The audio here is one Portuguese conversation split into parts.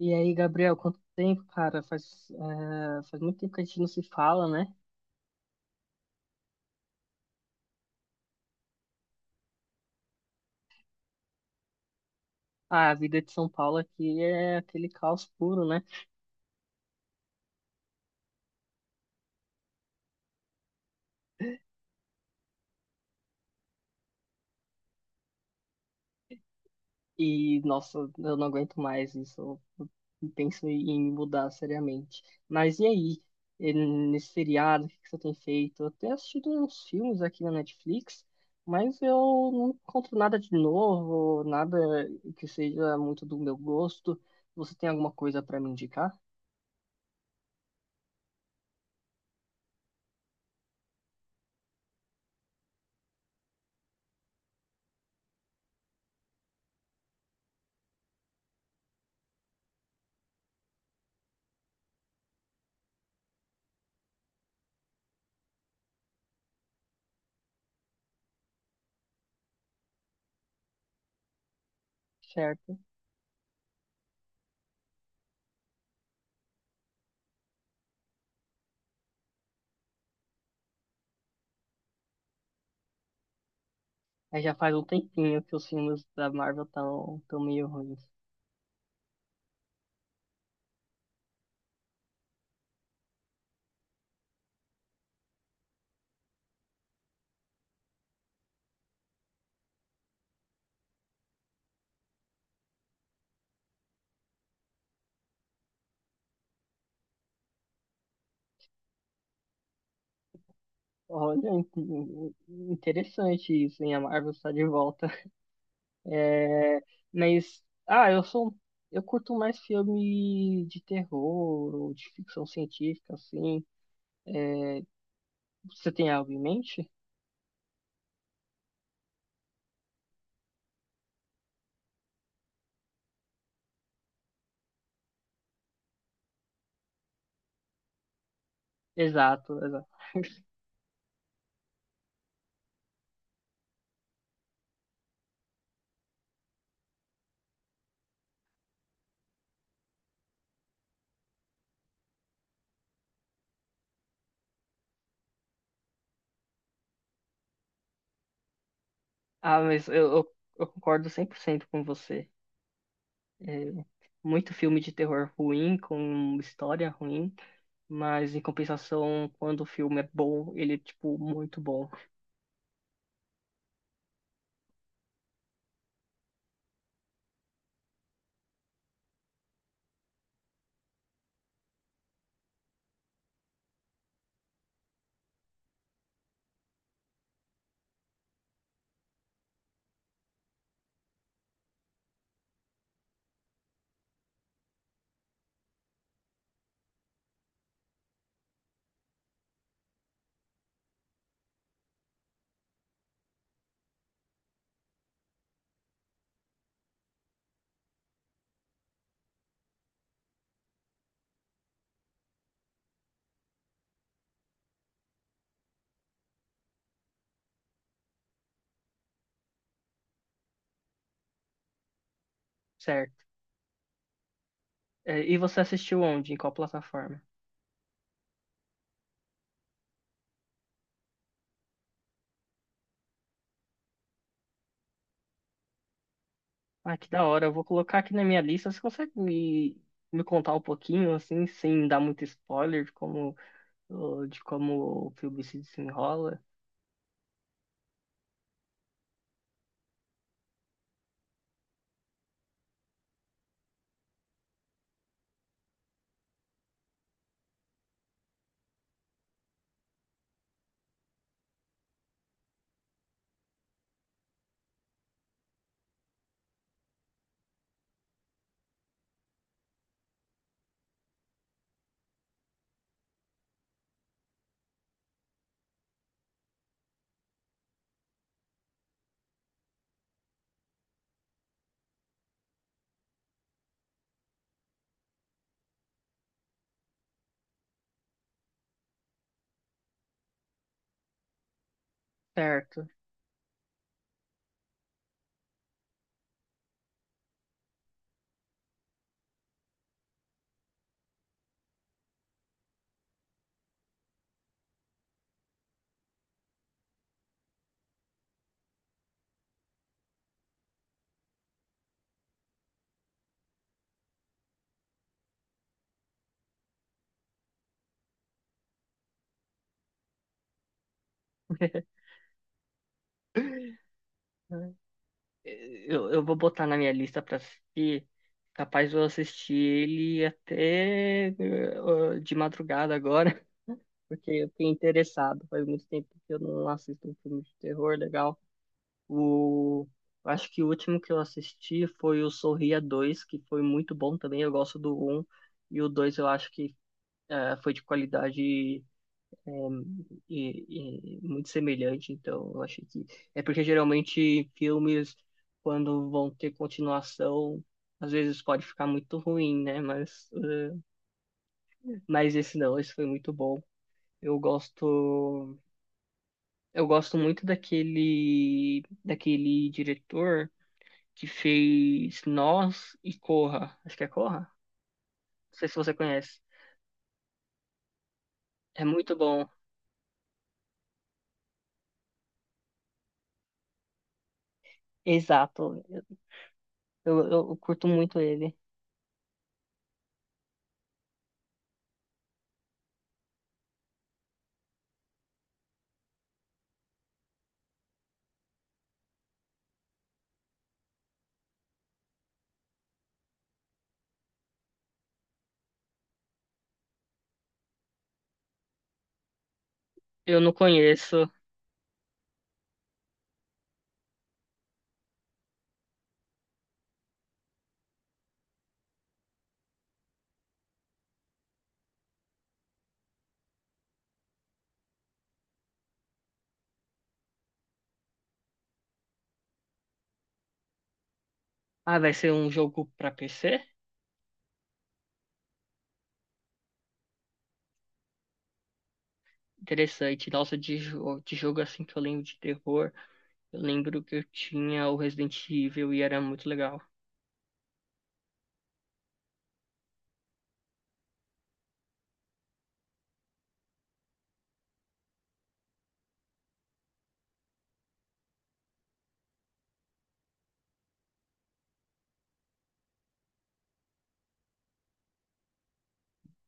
E aí, Gabriel, quanto tempo, cara? Faz, faz muito tempo que a gente não se fala, né? Ah, a vida de São Paulo aqui é aquele caos puro, né? E nossa, eu não aguento mais isso. Eu penso em me mudar seriamente. Mas e aí? E nesse feriado, o que que você tem feito? Eu tenho assistido uns filmes aqui na Netflix, mas eu não encontro nada de novo, nada que seja muito do meu gosto. Você tem alguma coisa para me indicar? Certo. É, já faz um tempinho que os filmes da Marvel estão tão meio ruins. Olha, in- interessante isso, hein? A Marvel está de volta. É, mas, eu curto mais filme de terror ou de ficção científica, assim. É, você tem algo em mente? Exato, exato. Ah, mas eu concordo 100% com você. É, muito filme de terror ruim, com história ruim. Mas em compensação, quando o filme é bom, ele é tipo muito bom, certo? É, e você assistiu onde? Em qual plataforma? Ah, que da hora. Eu vou colocar aqui na minha lista. Você consegue me contar um pouquinho, assim, sem dar muito spoiler de de como o filme se desenrola? Certo. Eu vou botar na minha lista pra assistir. Capaz de eu assistir ele até de madrugada agora, porque eu fiquei interessado. Faz muito tempo que eu não assisto um filme de terror legal. O... Acho que o último que eu assisti foi o Sorria Dois, que foi muito bom também. Eu gosto do Um, e o Dois eu acho que foi de qualidade, é, e muito semelhante. Então eu achei que... É porque geralmente filmes, quando vão ter continuação, às vezes pode ficar muito ruim, né? Mas, mas esse não, esse foi muito bom. Eu gosto Eu gosto muito daquele diretor que fez Nós e Corra. Acho que é Corra? Não sei se você conhece. É muito bom. Exato. Eu curto muito ele. Eu não conheço. Ah, vai ser um jogo pra PC? Interessante. Nossa, de jogo assim que eu lembro de terror. Eu lembro que eu tinha o Resident Evil e era muito legal.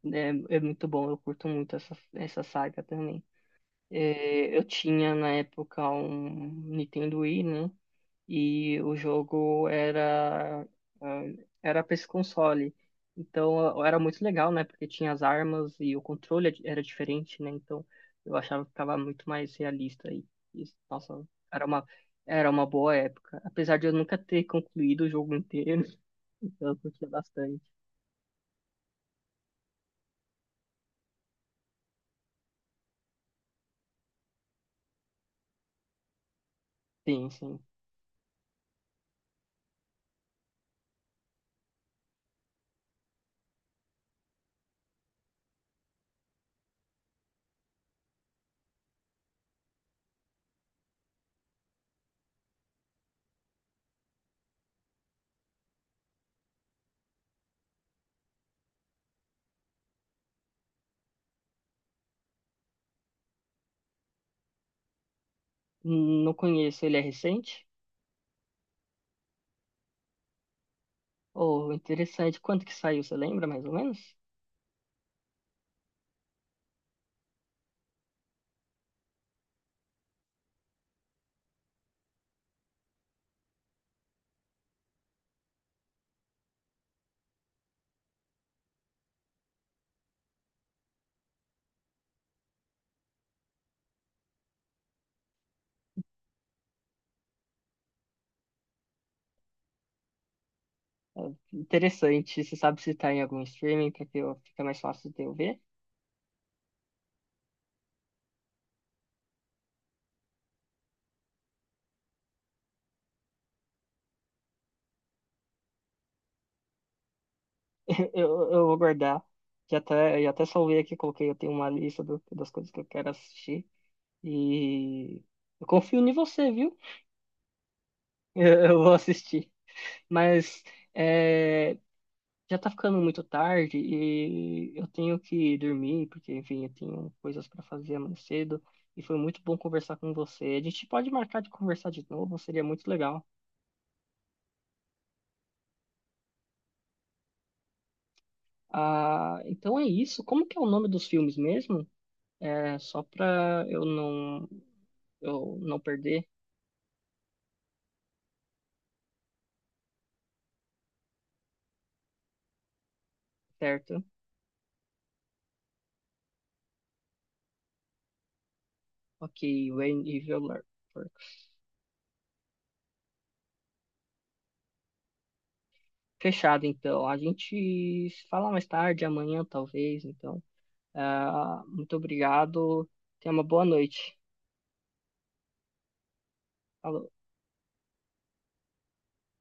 É, é muito bom. Eu curto muito essa saga também. É, eu tinha na época um Nintendo Wii, né? E o jogo era ah, era para esse console. Então era muito legal, né? Porque tinha as armas e o controle é, era diferente, né? Então eu achava que ficava muito mais realista e nossa, era uma era uma boa época, apesar de eu nunca ter concluído o jogo inteiro. Então eu curti bastante. Sim, sim. Não conheço, ele é recente? Oh, interessante. Quando que saiu, você lembra mais ou menos? Interessante. Você sabe se tá em algum streaming para que eu, fica mais fácil de eu ver? Eu vou guardar. Já até salvei aqui, coloquei, eu tenho uma lista do- das coisas que eu quero assistir. E eu confio em você, viu? Eu vou assistir. Mas é, já tá ficando muito tarde e eu tenho que dormir, porque, enfim, eu tenho coisas para fazer amanhã cedo. E foi muito bom conversar com você. A gente pode marcar de conversar de novo, seria muito legal. Ah, então é isso. Como que é o nome dos filmes mesmo? É só para eu não perder, certo? Ok, When Evil Lurks. Fechado, então. A gente se fala mais tarde, amanhã talvez. Então, ah, muito obrigado. Tenha uma boa noite. Falou.